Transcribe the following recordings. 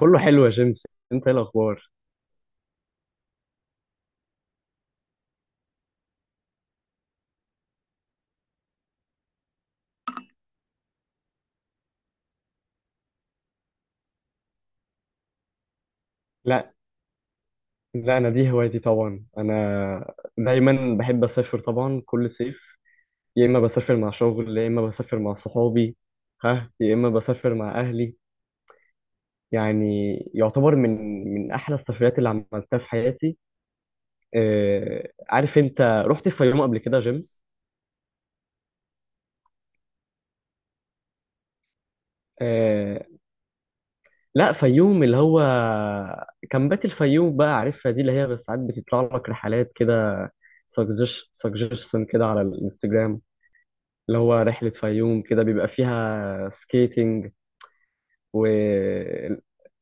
كله حلو يا جيمس. انت ايه الاخبار؟ لا، لا، انا دي هوايتي طبعا، انا دايما بحب اسافر طبعا كل صيف. يا اما بسافر مع شغل، يا اما بسافر مع صحابي، ها، يا اما بسافر مع اهلي. يعني يعتبر من احلى السفريات اللي عملتها في حياتي. آه، عارف انت، رحت الفيوم قبل كده يا جيمس؟ آه، لا، فيوم اللي هو كامبات الفيوم بقى، عارفها دي اللي هي ساعات بتطلع لك رحلات كده، سجشن كده على الانستجرام، اللي هو رحلة فيوم كده بيبقى فيها سكيتنج و...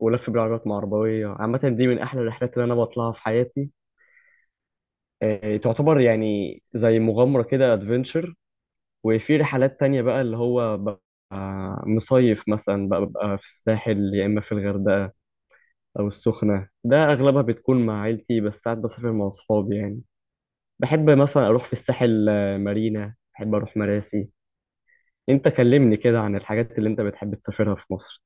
ولف بالعربيات مع عربوية عامة. دي من أحلى الرحلات اللي أنا بطلعها في حياتي. تعتبر يعني زي مغامرة كده، أدفنتشر. وفي رحلات تانية بقى اللي هو ببقى مصيف مثلا، بقى ببقى في الساحل، يا إما في الغردقة أو السخنة. ده أغلبها بتكون مع عيلتي، بس ساعات بسافر مع أصحابي يعني. بحب مثلا أروح في الساحل، مارينا، بحب أروح مراسي. أنت كلمني كده عن الحاجات اللي أنت بتحب تسافرها في مصر.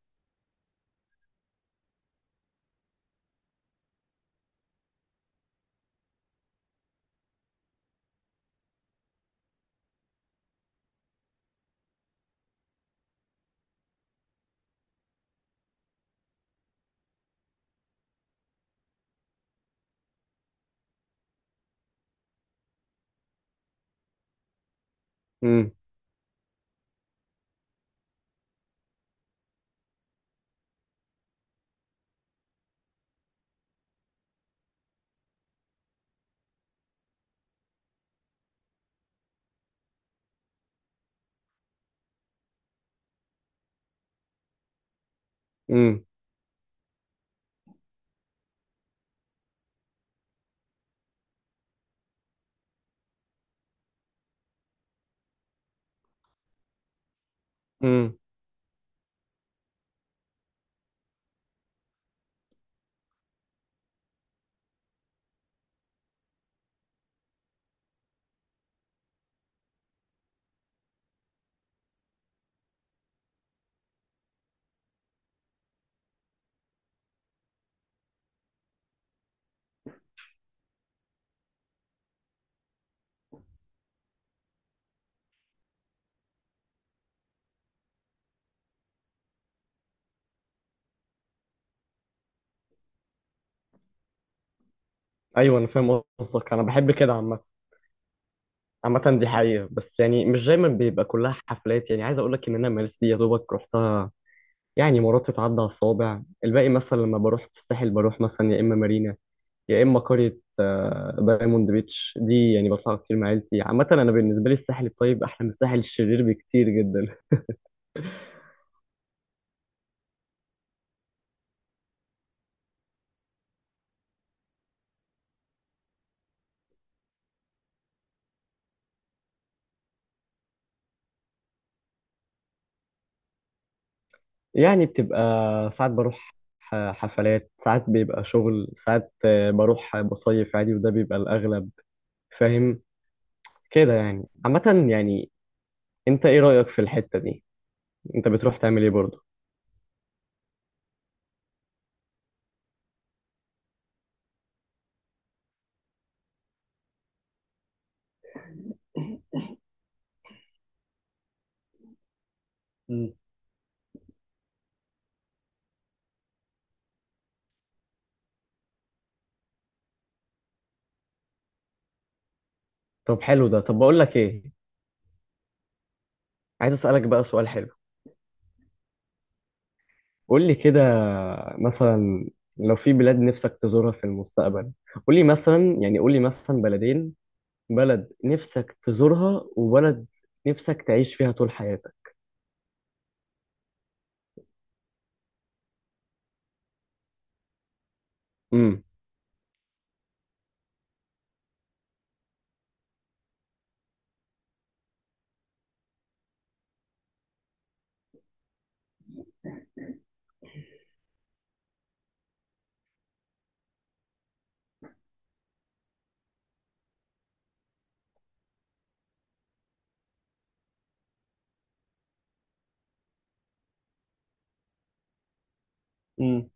امم. امم. امم. ايوه انا فاهم قصدك. انا بحب كده عامه، عامه دي حقيقه، بس يعني مش دايما بيبقى كلها حفلات. يعني عايز اقول لك ان انا مارس دي يا دوبك رحتها، يعني مرات تتعدى على الصوابع الباقي. مثلا لما بروح الساحل، بروح مثلا يا اما مارينا، يا اما قريه دايموند بيتش. دي يعني بطلع كتير مع عيلتي عامه. انا بالنسبه لي الساحل الطيب احلى من الساحل الشرير بكتير جدا. يعني بتبقى ساعات بروح حفلات، ساعات بيبقى شغل، ساعات بروح بصيف عادي وده بيبقى الاغلب. فاهم كده يعني، عامة يعني. انت ايه رأيك في الحتة دي؟ انت بتروح تعمل ايه برضه؟ مم. طب حلو ده. طب بقول لك ايه، عايز اسألك بقى سؤال حلو. قول لي كده، مثلا لو في بلاد نفسك تزورها في المستقبل، قول لي مثلا، يعني قول لي مثلا بلدين، بلد نفسك تزورها وبلد نفسك تعيش فيها طول حياتك. امم. مم.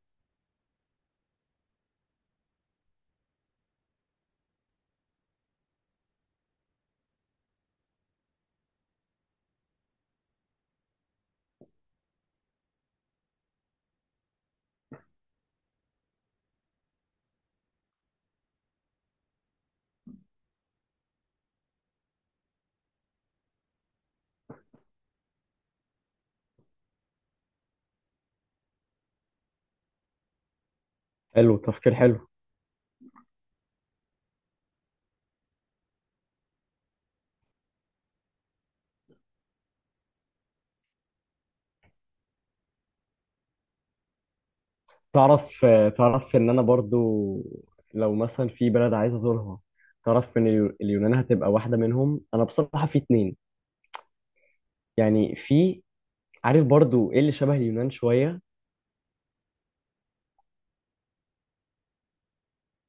حلو، تفكير حلو. تعرف، تعرف ان انا برضو لو مثلا في بلد عايز ازورها، تعرف ان اليونان هتبقى واحده منهم. انا بصراحه في اتنين يعني، في عارف برضو ايه اللي شبه اليونان شويه.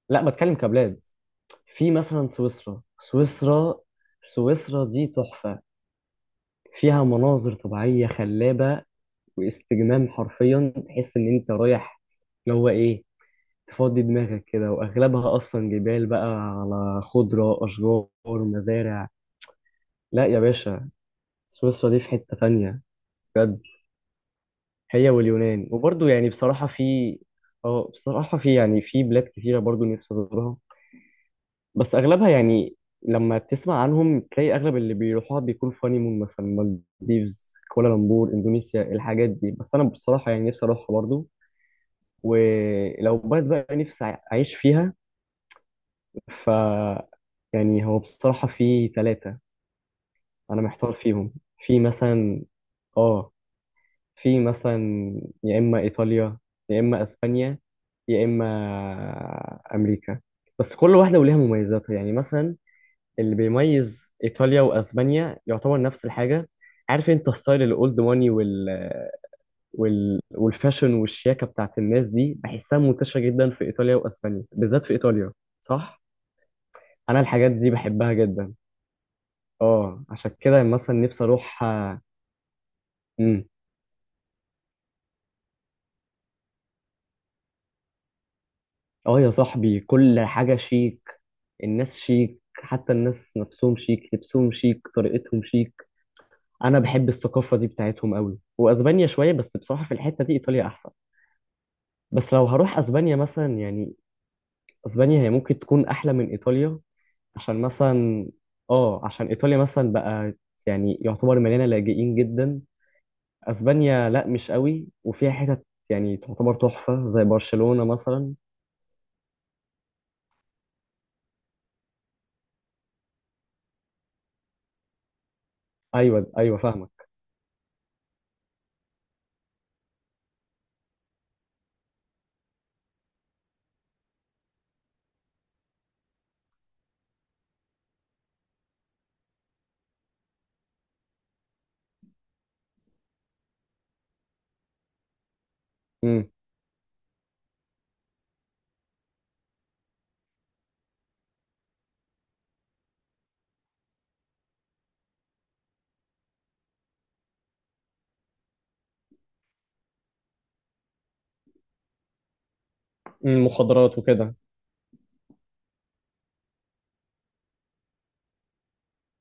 لا، بتكلم كبلاد. في مثلا سويسرا. سويسرا دي تحفه، فيها مناظر طبيعيه خلابه واستجمام. حرفيا تحس ان انت رايح اللي هو ايه، تفضي دماغك كده. واغلبها اصلا جبال بقى على خضره، اشجار، مزارع. لا يا باشا، سويسرا دي في حتة تانية بجد. هي واليونان. وبرضه يعني بصراحة في، اه بصراحة في، يعني في بلاد كتيرة برضه نفسي أزورها، بس أغلبها يعني لما تسمع عنهم تلاقي أغلب اللي بيروحوها بيكون في هانيمون، مثلا مالديفز، كوالالمبور، إندونيسيا، الحاجات دي. بس أنا بصراحة يعني نفسي أروحها برضه. ولو بلد بقى نفسي أعيش فيها، ف يعني هو بصراحة في ثلاثة أنا محتار فيهم. في مثلا اه في مثلا يا إما إيطاليا، يا إما أسبانيا، يا إما أمريكا. بس كل واحدة وليها مميزاتها. يعني مثلا اللي بيميز إيطاليا وأسبانيا يعتبر نفس الحاجة، عارف أنت ستايل الأولد ماني والفاشن والشياكة بتاعت الناس دي، بحسها منتشرة جدا في إيطاليا وأسبانيا، بالذات في إيطاليا. صح؟ أنا الحاجات دي بحبها جدا. اه عشان كده مثلا نفسي أروح امم اه يا صاحبي، كل حاجة شيك، الناس شيك، حتى الناس نفسهم شيك، لبسهم شيك، طريقتهم شيك. انا بحب الثقافه دي بتاعتهم قوي. واسبانيا شويه، بس بصراحه في الحته دي ايطاليا احسن. بس لو هروح اسبانيا مثلا، يعني اسبانيا هي ممكن تكون احلى من ايطاليا عشان مثلا، اه، عشان ايطاليا مثلا بقى يعني يعتبر مليانه لاجئين جدا. اسبانيا لا، مش قوي، وفيها حتت يعني تعتبر تحفه زي برشلونه مثلا. ايوه ايوه، فاهمك. امم. مخدرات وكده.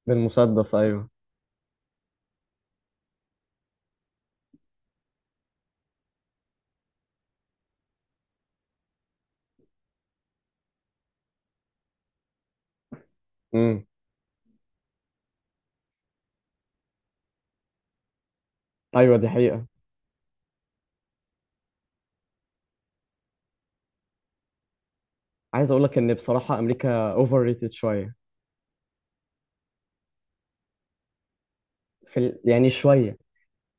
بالمسدس، ايوه. امم. ايوه، دي حقيقه. عايز اقول لك ان بصراحه امريكا اوفر ريتد شويه. يعني شويه،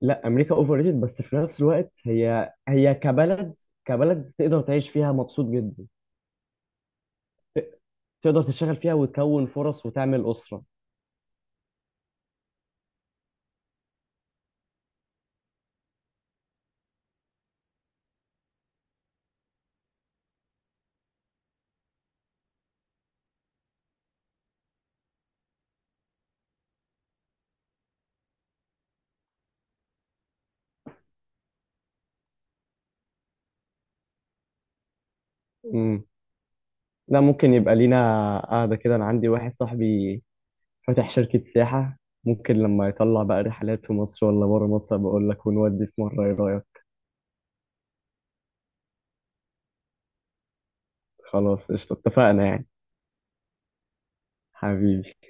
لا امريكا اوفر ريتد، بس في نفس الوقت هي كبلد تقدر تعيش فيها مبسوط جدا. ت- تقدر تشتغل فيها وتكون فرص وتعمل اسره. امم. لا ممكن يبقى لينا قاعده كده، انا عندي واحد صاحبي فاتح شركه سياحه، ممكن لما يطلع بقى رحلات في مصر ولا بره مصر بقول لك، ونودي في مره، ايه رايك؟ خلاص قشطه، اتفقنا يعني. حبيبي.